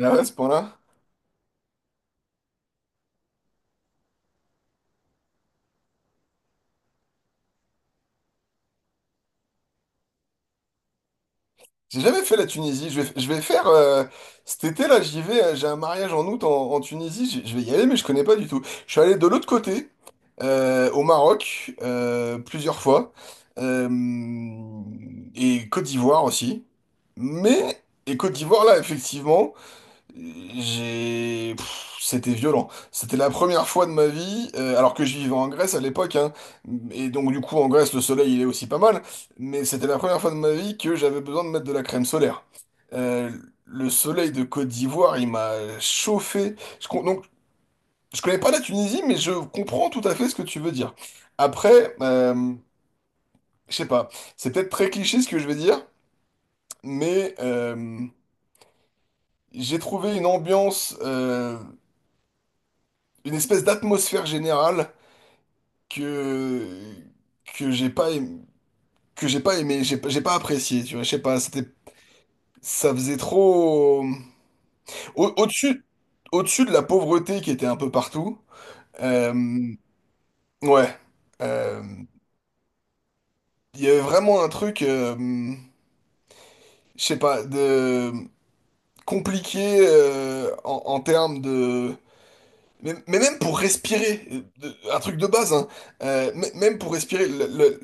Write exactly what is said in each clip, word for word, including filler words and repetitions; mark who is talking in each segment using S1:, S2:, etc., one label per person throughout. S1: Ah ouais, à ce point-là? J'ai jamais fait la Tunisie. Je vais, je vais faire euh, cet été-là, j'y vais. euh, J'ai un mariage en août en, en Tunisie. J'ai- Je vais y aller, mais je connais pas du tout. Je suis allé de l'autre côté, euh, au Maroc, euh, plusieurs fois, euh, et Côte d'Ivoire aussi. Mais et Côte d'Ivoire là, effectivement. J'ai... pff, C'était violent. C'était la première fois de ma vie, euh, alors que je vivais en Grèce à l'époque, hein, et donc du coup en Grèce le soleil il est aussi pas mal, mais c'était la première fois de ma vie que j'avais besoin de mettre de la crème solaire. Euh, le soleil de Côte d'Ivoire il m'a chauffé. Je, con- donc je connais pas la Tunisie, mais je comprends tout à fait ce que tu veux dire. Après, euh, je sais pas, c'est peut-être très cliché ce que je vais dire, mais euh, j'ai trouvé une ambiance. Euh, une espèce d'atmosphère générale que que j'ai pas aimé, que j'ai pas aimé, j'ai pas j'ai pas apprécié, tu vois, je sais pas, c'était ça faisait trop au, au-dessus au-dessus de la pauvreté qui était un peu partout. euh, ouais. euh, Il y avait vraiment un truc euh, je sais pas de compliqué euh, en, en termes de mais, mais même pour respirer, euh, de- un truc de base, hein, euh, m- même pour respirer, le-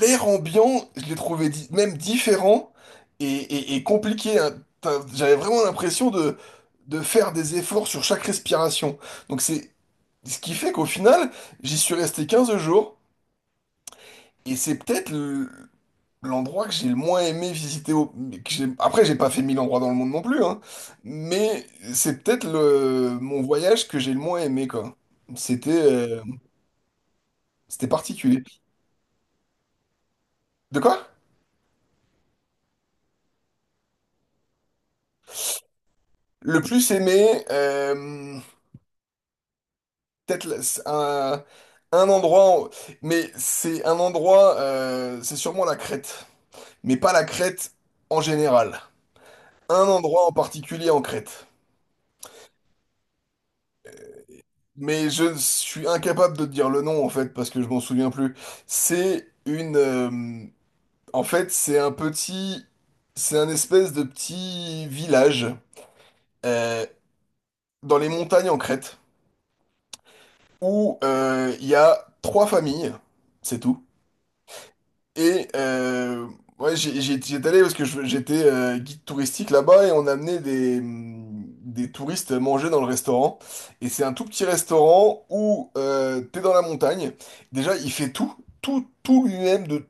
S1: l'air ambiant, je l'ai trouvé di- même différent et, et- et compliqué. Hein. T'as- J'avais vraiment l'impression de, de faire des efforts sur chaque respiration. Donc c'est ce qui fait qu'au final, j'y suis resté quinze jours et c'est peut-être le- l'endroit que j'ai le moins aimé visiter. au- que j'ai- Après, j'ai pas fait mille endroits dans le monde non plus, hein, mais c'est peut-être le... mon voyage que j'ai le moins aimé, quoi. C'était euh, c'était particulier. De quoi? Le plus aimé. Euh, peut-être la- c'est un, un endroit, en- mais c'est un endroit, euh, c'est sûrement la Crète, mais pas la Crète en général. Un endroit en particulier en Crète. Mais je suis incapable de te dire le nom en fait parce que je m'en souviens plus. C'est une, euh, en fait, c'est un petit, c'est un espèce de petit village euh, dans les montagnes en Crète où euh, il y a trois familles, c'est tout. Et euh, ouais, j'ai- j'ai- j'étais allé parce que je- j'étais euh, guide touristique là-bas et on amenait des, hum, des touristes manger dans le restaurant. Et c'est un tout petit restaurant où euh, t'es dans la montagne. Déjà, il fait tout, tout, tout lui-même de,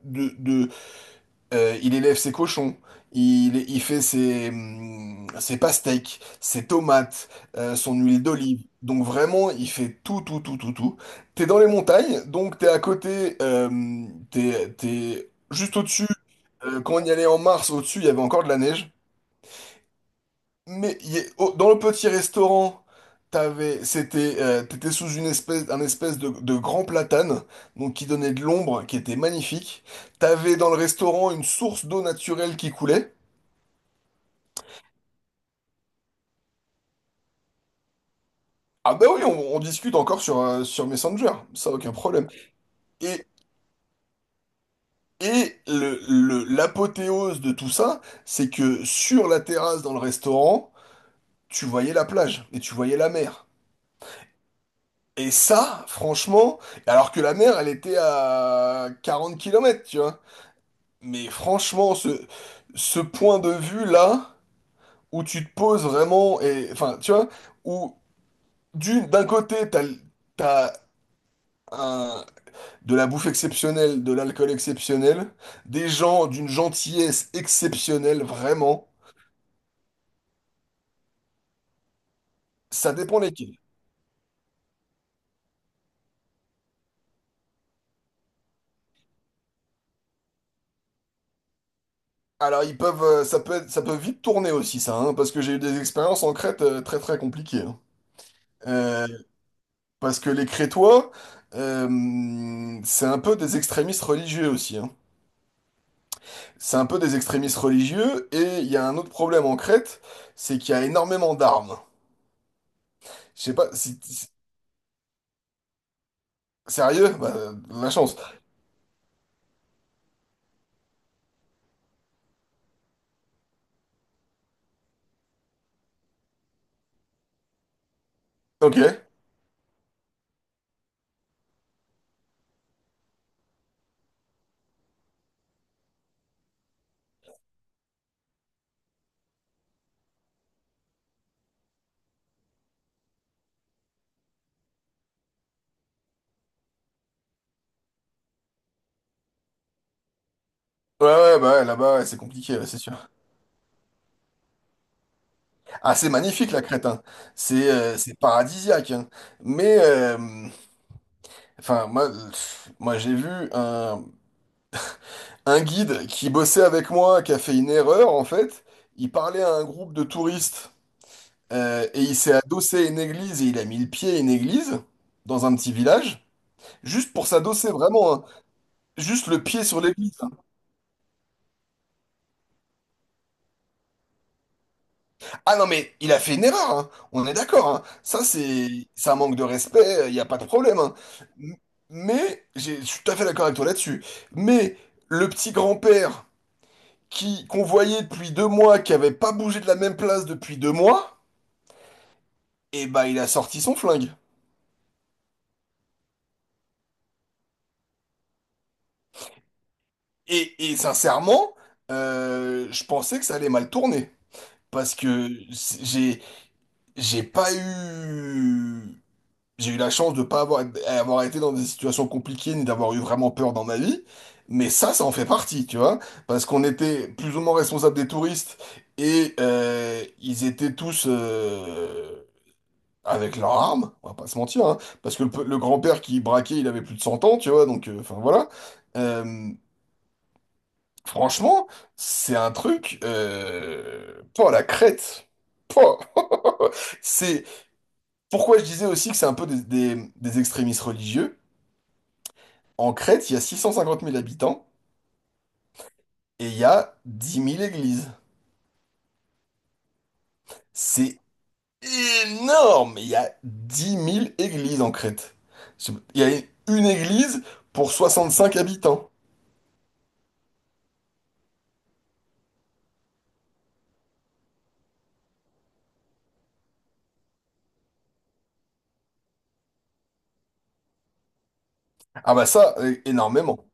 S1: euh, il élève ses cochons, il, il fait ses, hum, ses pastèques, ses tomates, euh, son huile d'olive. Donc vraiment, il fait tout, tout, tout, tout, tout. T'es dans les montagnes, donc t'es à côté, euh, t'es, t'es juste au-dessus. Euh, quand on y allait en mars, au-dessus, il y avait encore de la neige. Mais il y a- oh, dans le petit restaurant, t'avais, c'était, euh, t'étais sous une espèce, un espèce de, de grand platane, donc qui donnait de l'ombre, qui était magnifique. T'avais dans le restaurant une source d'eau naturelle qui coulait. Ah bah oui, on, on discute encore sur, euh, sur Messenger, ça aucun problème. Et, et le, le- l'apothéose de tout ça, c'est que sur la terrasse dans le restaurant, tu voyais la plage et tu voyais la mer. Et ça, franchement, alors que la mer, elle était à quarante kilomètres, tu vois. Mais franchement, ce, ce point de vue-là, où tu te poses vraiment, et, enfin, tu vois, où du- d'un côté, t'as, l- t'as un- de la bouffe exceptionnelle, de l'alcool exceptionnel, des gens d'une gentillesse exceptionnelle, vraiment, ça dépend lesquels. Alors, ils peuvent, euh, ça peut être- ça peut vite tourner aussi, ça, hein, parce que j'ai eu des expériences en Crète euh, très très compliquées. Hein. Euh, Parce que les Crétois, euh, c'est un peu des extrémistes religieux aussi. Hein. C'est un peu des extrémistes religieux, et il y a un autre problème en Crète, c'est qu'il y a énormément d'armes. Je sais pas, si... si- Sérieux? Bah, de la chance. Ok. Ouais, ouais, bah ouais, là-bas, ouais, c'est compliqué, ouais, c'est sûr. Ah, c'est magnifique, la Crète, hein. C'est euh, c'est paradisiaque, hein. Mais, euh, enfin, moi, pff, moi j'ai vu un, un guide qui bossait avec moi, qui a fait une erreur, en fait. Il parlait à un groupe de touristes, euh, et il s'est adossé à une église, et il a mis le pied à une église, dans un petit village. Juste pour s'adosser, vraiment. Hein. Juste le pied sur l'église. Hein. Ah non, mais il a fait une erreur. Hein. On est d'accord. hein. Ça, c'est c'est un manque de respect. Il n'y a pas de problème. Hein. M- Mais, j'ai- je suis tout à fait d'accord avec toi là-dessus. Mais le petit grand-père qui qu'on voyait depuis deux mois, qui avait pas bougé de la même place depuis deux mois, eh ben, il a sorti son flingue. Et, et sincèrement, euh, je pensais que ça allait mal tourner. Parce que c'est- j'ai j'ai pas eu. J'ai eu la chance de pas avoir, avoir été dans des situations compliquées ni d'avoir eu vraiment peur dans ma vie. Mais ça, ça en fait partie, tu vois. Parce qu'on était plus ou moins responsables des touristes et euh, ils étaient tous euh, avec leurs armes, on va pas se mentir. Hein. Parce que le, pe- le grand-père qui braquait, il avait plus de cent ans, tu vois. Donc, euh, enfin voilà. Euh, Franchement, c'est un truc... Euh, Pouah, la crête. Pouah. C'est pourquoi je disais aussi que c'est un peu des des- des extrémistes religieux. En Crète, il y a six cent cinquante mille habitants et il y a dix mille églises. C'est énorme! Il y a dix mille églises en Crète. Je- Il y a une église pour soixante-cinq habitants. Ah bah ça, euh, énormément.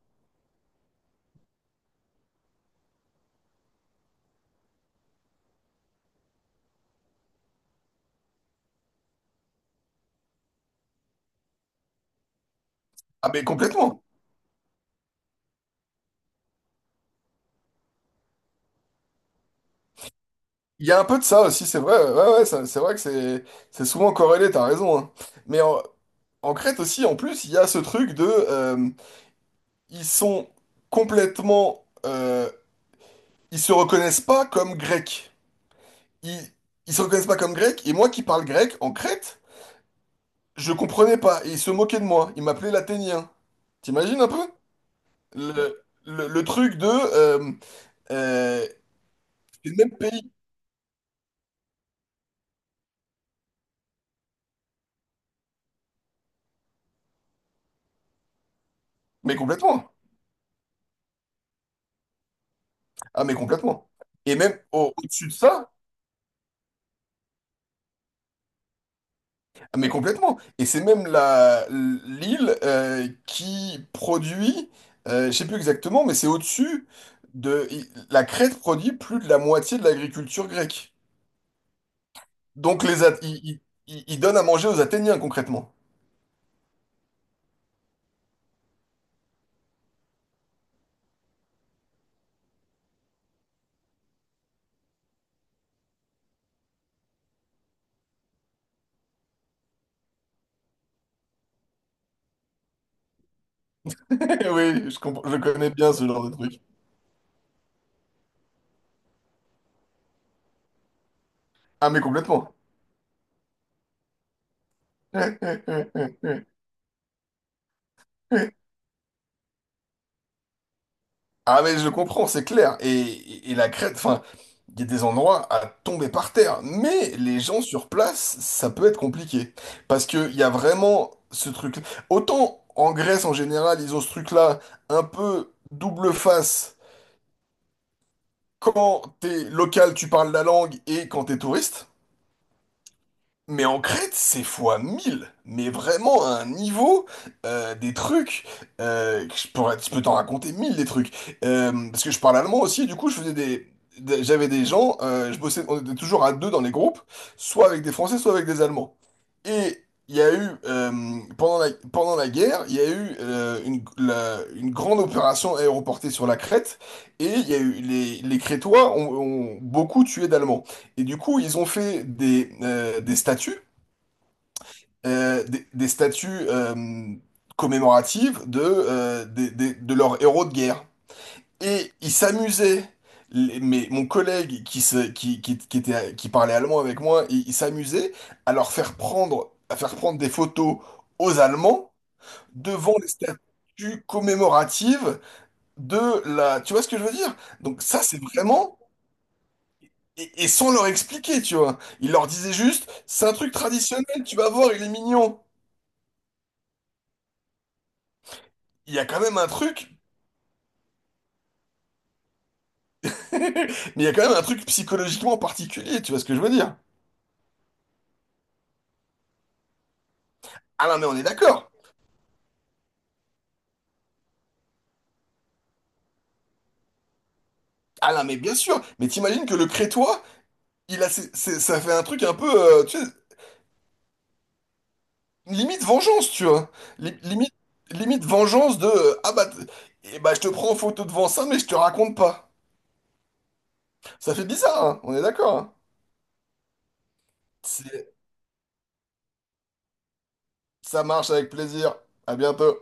S1: Ah mais complètement. Il y a un peu de ça aussi, c'est vrai. Ouais, ouais, ça- c'est vrai que c'est c'est souvent corrélé, t'as raison. Hein. Mais en, en Crète aussi, en plus, il y a ce truc de... euh, Ils sont complètement... euh, Ils se reconnaissent pas comme grecs. ils, Ils se reconnaissent pas comme grecs, et moi qui parle grec en Crète, je comprenais pas, et ils se moquaient de moi, ils m'appelaient l'athénien. T'imagines un peu? Le, le, le truc de... euh, euh, c'est le même pays. Mais complètement. Ah mais complètement. Et même au, dessus de ça, ah, mais complètement. Et c'est même la l'île euh, qui produit, euh, je sais plus exactement, mais c'est au-dessus de... La Crète produit plus de la moitié de l'agriculture grecque. Donc les At- ils, ils- ils- ils donnent à manger aux Athéniens concrètement. Oui, je comprends- je connais bien ce genre de truc. Ah mais complètement. Ah mais je comprends, c'est clair. Et, et- et la Crète, enfin, il y a des endroits à tomber par terre. Mais les gens sur place, ça peut être compliqué. Parce qu'il y a vraiment ce truc. Autant en Grèce en général, ils ont ce truc-là un peu double face. Quand t'es local, tu parles la langue et quand t'es touriste. Mais en Crète, c'est fois mille. Mais vraiment à un niveau, euh, des trucs, euh, que je pourrais, je peux t'en raconter mille des trucs. Euh, parce que je parle allemand aussi, du coup, je faisais des, des- j'avais des gens, euh, je bossais, on était toujours à deux dans les groupes, soit avec des Français, soit avec des Allemands. Et il y a eu, euh, pendant la, pendant la guerre, il y a eu euh, une, la- une grande opération aéroportée sur la Crète, et il y a eu, les, les Crétois ont, ont beaucoup tué d'Allemands. Et du coup, ils ont fait des, euh, des statues, euh, des, des statues euh, commémoratives de, euh, des- des- de leurs héros de guerre. Et ils s'amusaient. les- Mais mon collègue qui, se, qui, qui, qui était, qui parlait allemand avec moi, il, il s'amusait à leur faire prendre, à faire prendre des photos aux Allemands devant les statues commémoratives de la... Tu vois ce que je veux dire? Donc ça, c'est vraiment... Et, et sans leur expliquer, tu vois. Il leur disait juste, c'est un truc traditionnel, tu vas voir, il est mignon. Il y a quand même un truc, mais il y a quand même un truc psychologiquement particulier, tu vois ce que je veux dire? Ah non, mais on est d'accord. Ah non, mais bien sûr. Mais t'imagines que le crétois, il a, ses- ses- ça fait un truc un peu, euh, tu sais, limite vengeance, tu vois. Li- Limite, limite vengeance de, euh, ah bah, et bah, je te prends en photo devant ça, mais je te raconte pas. Ça fait bizarre, hein, on est d'accord. hein. C'est- Ça marche avec plaisir. À bientôt.